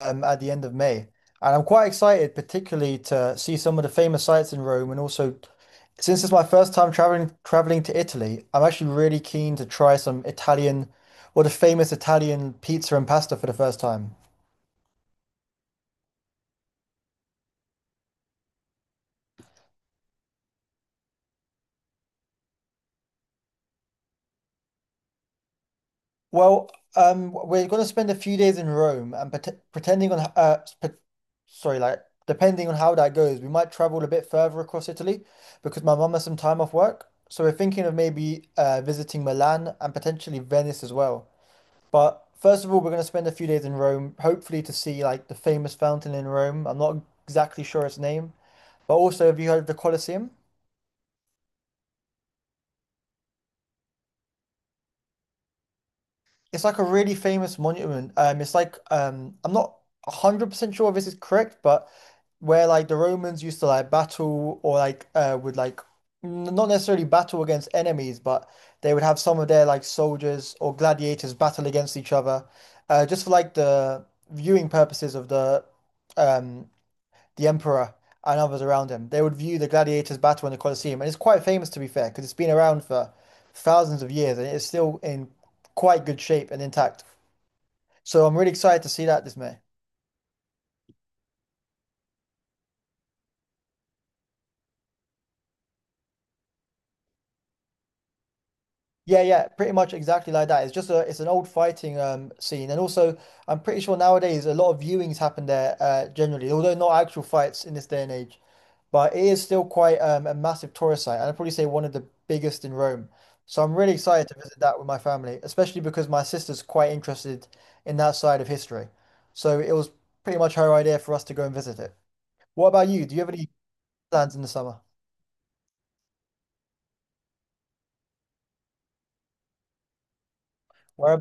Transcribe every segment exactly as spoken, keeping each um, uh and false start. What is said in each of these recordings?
um, At the end of May. And I'm quite excited, particularly to see some of the famous sites in Rome. And also, since it's my first time traveling traveling to Italy, I'm actually really keen to try some Italian or the famous Italian pizza and pasta for the first time. Well, um, we're going to spend a few days in Rome, and pret pretending on h- uh, sp- sorry, like depending on how that goes, we might travel a bit further across Italy because my mum has some time off work. So we're thinking of maybe uh, visiting Milan and potentially Venice as well. But first of all, we're going to spend a few days in Rome, hopefully to see like the famous fountain in Rome. I'm not exactly sure its name, but also, have you heard of the Colosseum? It's like a really famous monument. Um, it's like um, I'm not one hundred percent sure if this is correct, but where like the Romans used to like battle or like uh would like n- not necessarily battle against enemies, but they would have some of their like soldiers or gladiators battle against each other, uh, just for like the viewing purposes of the um the emperor, and others around him. They would view the gladiators' battle in the Colosseum, and it's quite famous to be fair, because it's been around for thousands of years and it's still in quite good shape and intact. So I'm really excited to see that this May. Yeah, yeah, pretty much exactly like that. It's just a it's an old fighting um scene, and also I'm pretty sure nowadays a lot of viewings happen there uh generally, although not actual fights in this day and age, but it is still quite um a massive tourist site, and I'd probably say one of the biggest in Rome. So I'm really excited to visit that with my family, especially because my sister's quite interested in that side of history. So it was pretty much her idea for us to go and visit it. What about you? Do you have any plans in the summer? Where?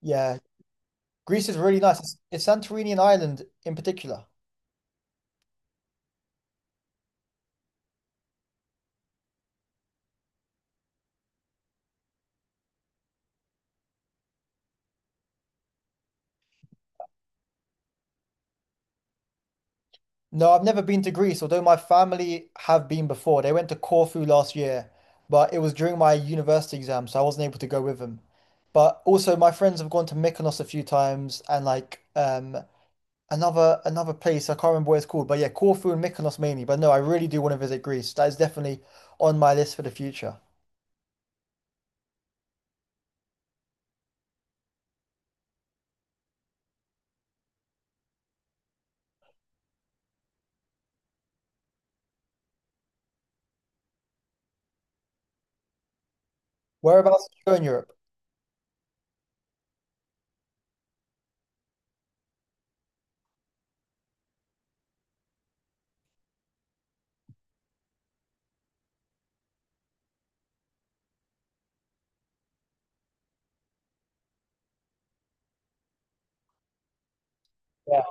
Yeah, Greece is really nice. It's, it's Santorini and Ireland in particular. No, I've never been to Greece, although my family have been before. They went to Corfu last year, but it was during my university exam, so I wasn't able to go with them. But also my friends have gone to Mykonos a few times and like um another another place. I can't remember what it's called, but yeah, Corfu and Mykonos mainly. But no, I really do want to visit Greece. That is definitely on my list for the future. Whereabouts do you in Europe? Yeah.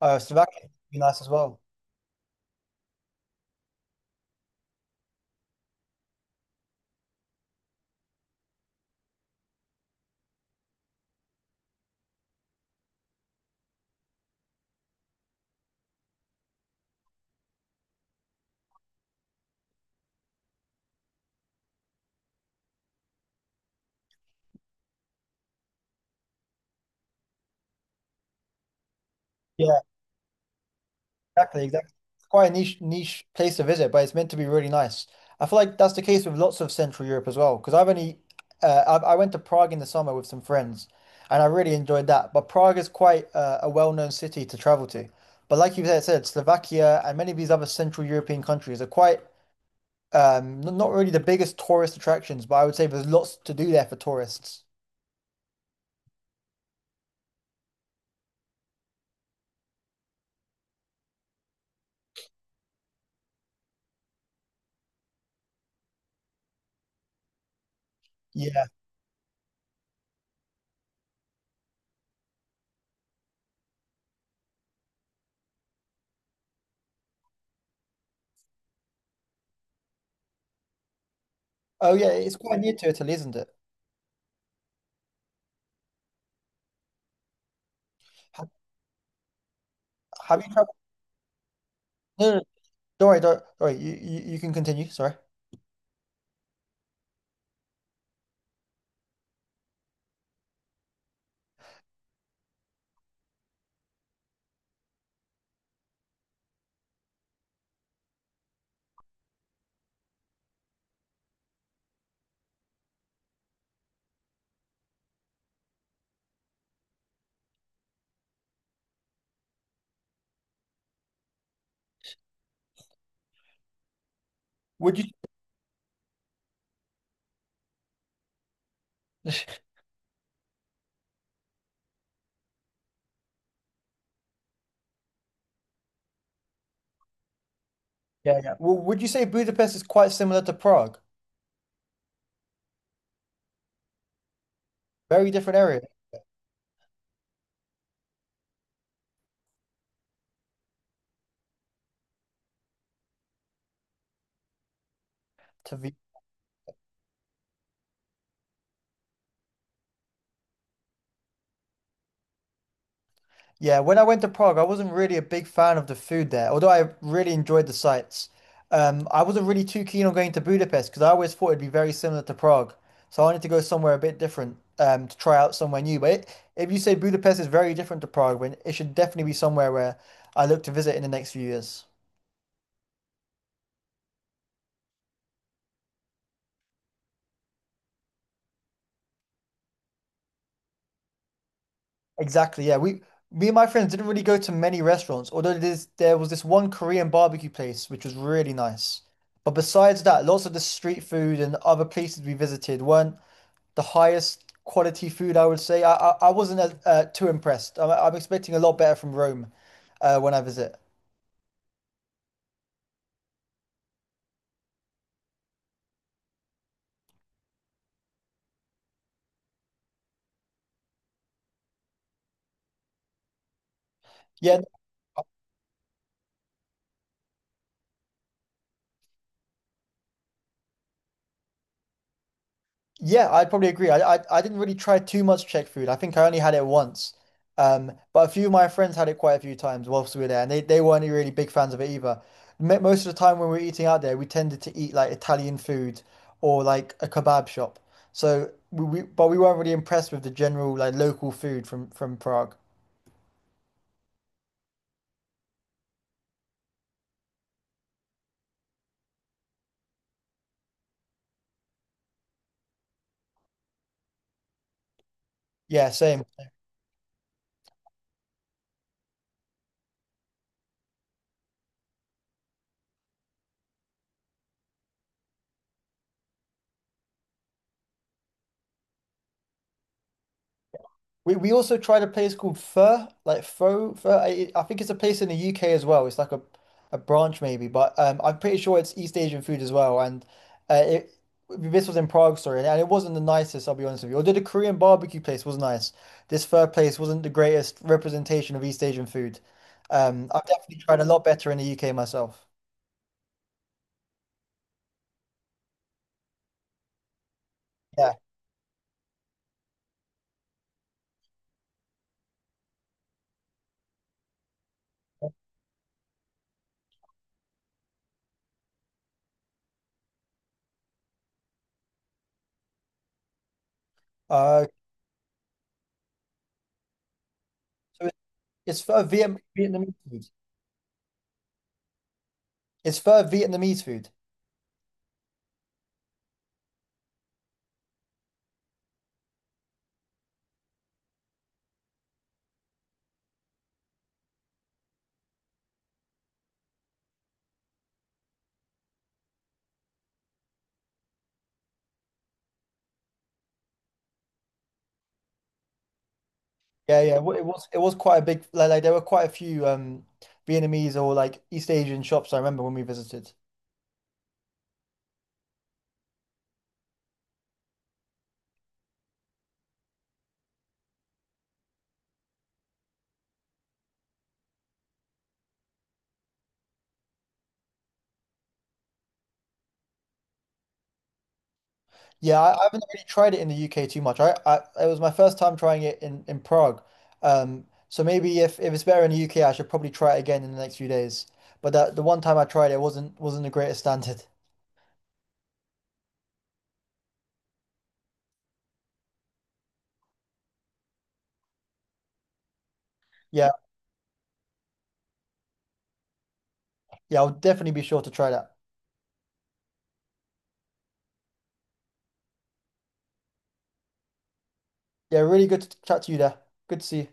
Uh, Slovakia would be nice as well. Yeah. Exactly, exactly. It's quite a niche niche place to visit, but it's meant to be really nice. I feel like that's the case with lots of Central Europe as well. Because I've only, uh, I, I went to Prague in the summer with some friends, and I really enjoyed that. But Prague is quite uh, a well-known city to travel to. But like you said, said, Slovakia and many of these other Central European countries are quite um, n- not really the biggest tourist attractions, but I would say there's lots to do there for tourists. Yeah. Oh yeah, it's quite near to Italy, isn't it? Have, have you traveled? No, no, no, don't worry, don't, sorry. You, you you can continue. Sorry. Would you Yeah, yeah. Well, would you say Budapest is quite similar to Prague? Very different area to the. Yeah, when I went to Prague, I wasn't really a big fan of the food there, although I really enjoyed the sights. Um, I wasn't really too keen on going to Budapest because I always thought it'd be very similar to Prague. So I wanted to go somewhere a bit different um, to try out somewhere new. But it, if you say Budapest is very different to Prague, then it should definitely be somewhere where I look to visit in the next few years. Exactly, yeah. We, me and my friends didn't really go to many restaurants, although there's, there was this one Korean barbecue place which was really nice. But besides that, lots of the street food and other places we visited weren't the highest quality food, I would say. I, I, I wasn't as, uh, too impressed. I'm, I'm expecting a lot better from Rome uh, when I visit. Yeah. Yeah, I'd probably agree. I, I I didn't really try too much Czech food. I think I only had it once. Um, but a few of my friends had it quite a few times whilst we were there, and they, they weren't really big fans of it either. Mo- Most of the time when we were eating out there, we tended to eat like Italian food or like a kebab shop. So we, we but we weren't really impressed with the general like local food from from Prague. Yeah, same. We we also tried a place called Fur, like Faux, Fur. I, I think it's a place in the U K as well. It's like a, a branch maybe, but um, I'm pretty sure it's East Asian food as well. And uh, it this was in Prague, sorry, and it wasn't the nicest. I'll be honest with you. Although the Korean barbecue place was nice, this Fur place wasn't the greatest representation of East Asian food. Um, I've definitely tried a lot better in the U K myself. Yeah. Uh, so it's, it's Pho Vietnam Vietnamese food. It's Fur Vietnamese food. Yeah, yeah. wa- It was it was quite a big like, like there were quite a few um Vietnamese or like East Asian shops I remember when we visited. Yeah, I, I haven't really tried it in the U K too much. I, I it was my first time trying it in in Prague. Um, so maybe if, if it's better in the U K, I should probably try it again in the next few days. But that the one time I tried it wasn't wasn't the greatest standard. Yeah, yeah. I'll definitely be sure to try that. Yeah, really good to chat to you there. Good to see you.